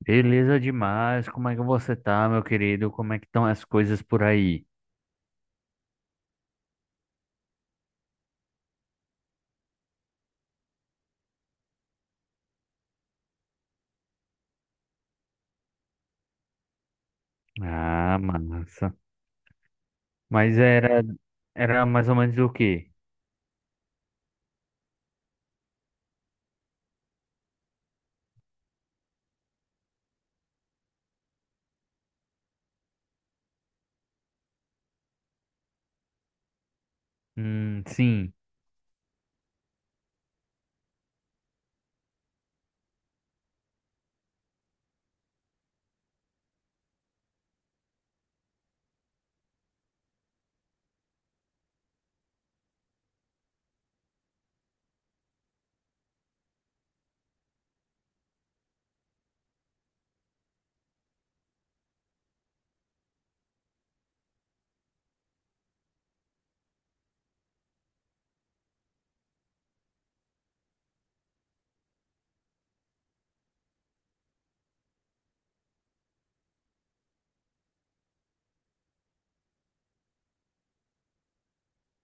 Beleza demais, como é que você tá, meu querido? Como é que estão as coisas por aí? Ah, massa. Mas era, era mais ou menos o quê? Sim,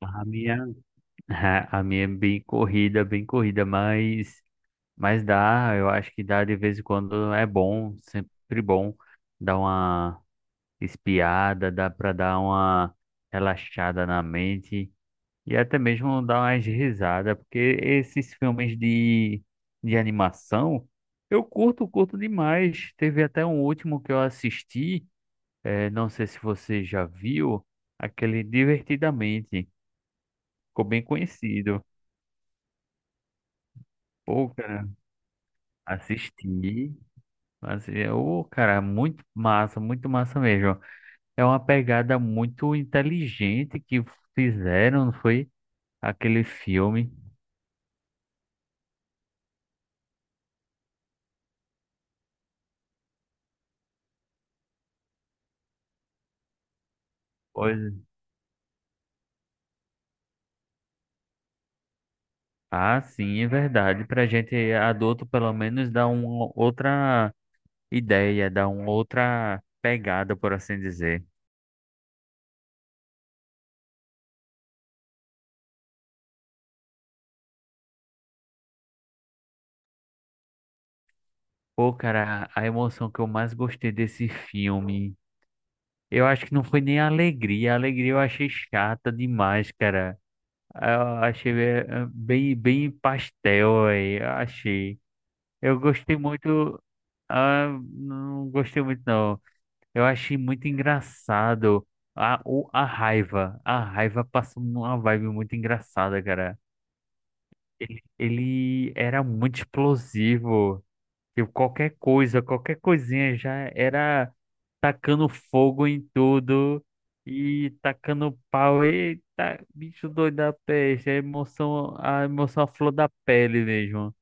a minha, a minha é bem corrida, mas dá, eu acho que dá de vez em quando é bom, sempre bom dar uma espiada, dá pra dar uma relaxada na mente. E até mesmo dar umas risadas, porque esses filmes de animação, eu curto, curto demais. Teve até um último que eu assisti, não sei se você já viu, aquele Divertidamente, ficou bem conhecido. Pô, cara, assisti, mas o cara, muito massa mesmo. É uma pegada muito inteligente que fizeram, não foi? Aquele filme. Pois é. Ah, sim, é verdade. Para a gente adulto, pelo menos, dá uma outra ideia, dá uma outra pegada, por assim dizer. Pô, cara, a emoção que eu mais gostei desse filme, eu acho que não foi nem a alegria. A alegria eu achei chata demais, cara. Eu achei bem, bem pastel aí, eu achei. Eu gostei muito. Ah, não gostei muito, não. Eu achei muito engraçado a, o, a raiva. A raiva passou uma vibe muito engraçada, cara. Ele era muito explosivo. Tipo, qualquer coisa, qualquer coisinha já era tacando fogo em tudo e tacando pau. Eita, bicho doido da peste. A emoção à flor da pele mesmo.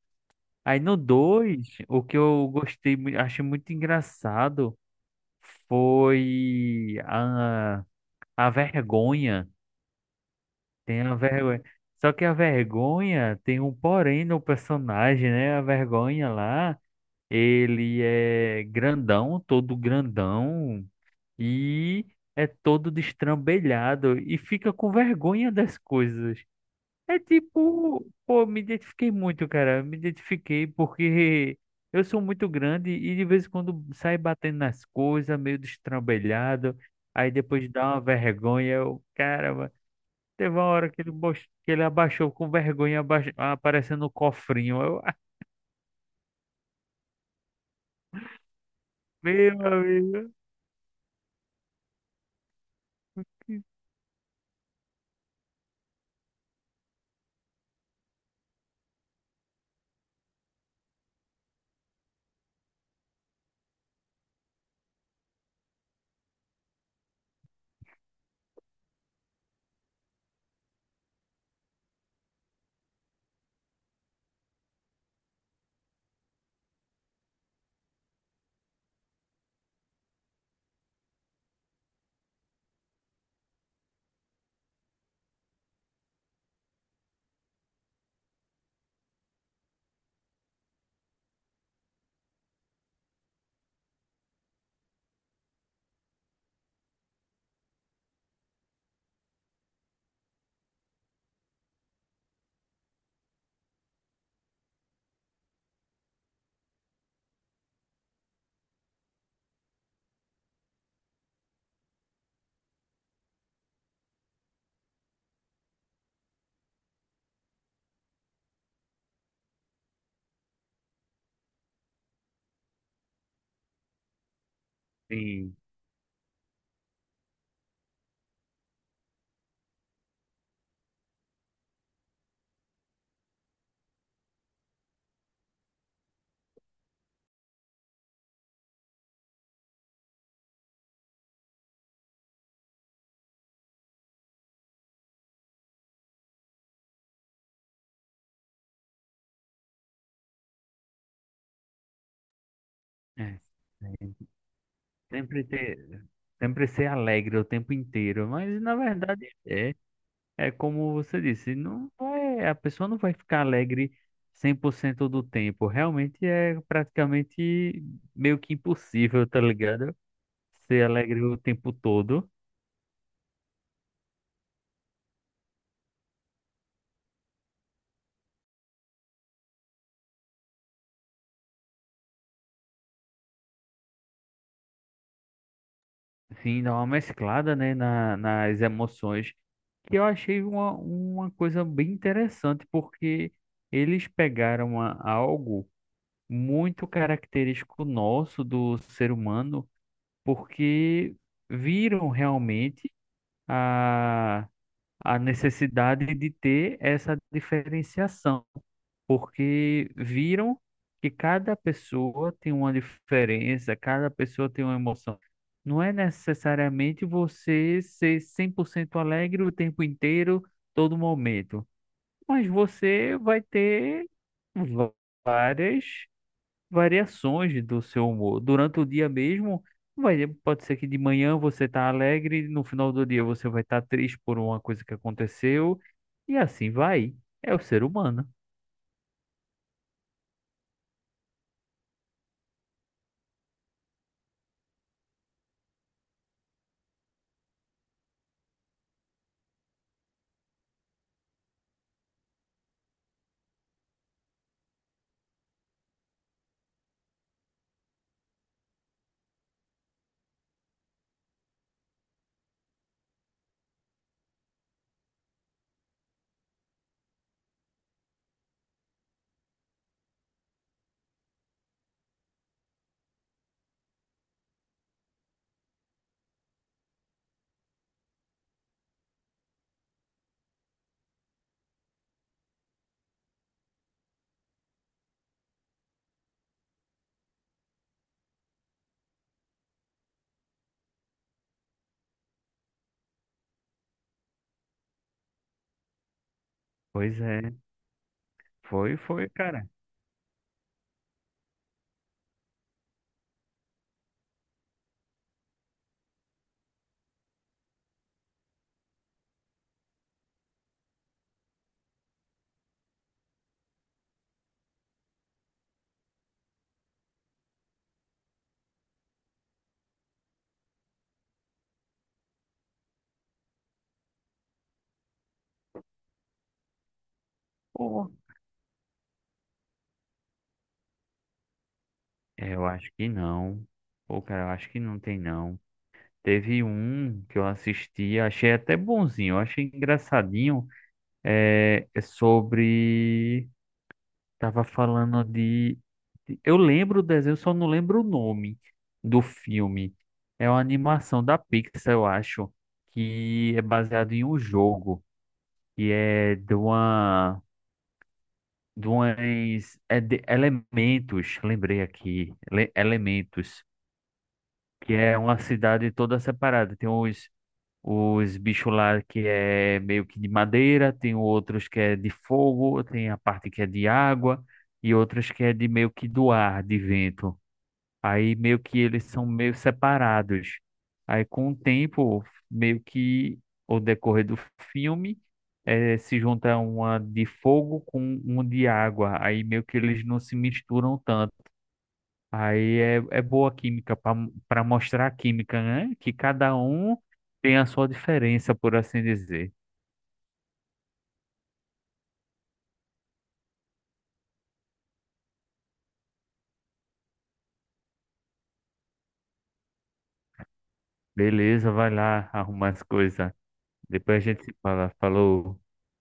Aí no 2 o que eu gostei, achei muito engraçado foi a vergonha. Tem a vergonha. Só que a vergonha tem um porém no personagem, né? A vergonha lá, ele é grandão, todo grandão, e é todo destrambelhado e fica com vergonha das coisas. É tipo, pô, me identifiquei muito, cara. Me identifiquei porque eu sou muito grande e de vez em quando sai batendo nas coisas, meio destrambelhado. Aí depois dá uma vergonha, eu, cara, teve uma hora que que ele abaixou com vergonha, aparecendo o cofrinho. Eu, ah, meu amigo. Sim, é, é, sempre ter, sempre ser alegre o tempo inteiro. Mas na verdade, é como você disse, não vai, a pessoa não vai ficar alegre 100% do tempo. Realmente é praticamente meio que impossível, tá ligado? Ser alegre o tempo todo. Sim, dá uma mesclada, né, na, nas emoções, que eu achei uma coisa bem interessante, porque eles pegaram algo muito característico nosso do ser humano, porque viram realmente a necessidade de ter essa diferenciação, porque viram que cada pessoa tem uma diferença, cada pessoa tem uma emoção. Não é necessariamente você ser 100% alegre o tempo inteiro, todo momento, mas você vai ter va- várias variações do seu humor. Durante o dia mesmo, vai, pode ser que de manhã você tá alegre, no final do dia você vai estar triste por uma coisa que aconteceu, e assim vai. É o ser humano. Pois é, foi, foi, cara. Pô, é, eu acho que não. Pô, cara, eu acho que não tem não. Teve um que eu assisti, achei até bonzinho, eu achei engraçadinho, é é sobre tava falando de. Eu lembro o desenho, só não lembro o nome do filme. É uma animação da Pixar, eu acho, que é baseado em um jogo, que é de uma. De umas, é de elementos, lembrei aqui, elementos, que é uma cidade toda separada. Tem uns, os bichos lá que é meio que de madeira, tem outros que é de fogo, tem a parte que é de água e outros que é de meio que do ar, de vento. Aí meio que eles são meio separados. Aí com o tempo, meio que ao decorrer do filme, se junta uma de fogo com um de água. Aí meio que eles não se misturam tanto. Aí é, é boa a química para mostrar a química, né? Que cada um tem a sua diferença, por assim dizer. Beleza, vai lá arrumar as coisas. Depois a gente se fala. Falou.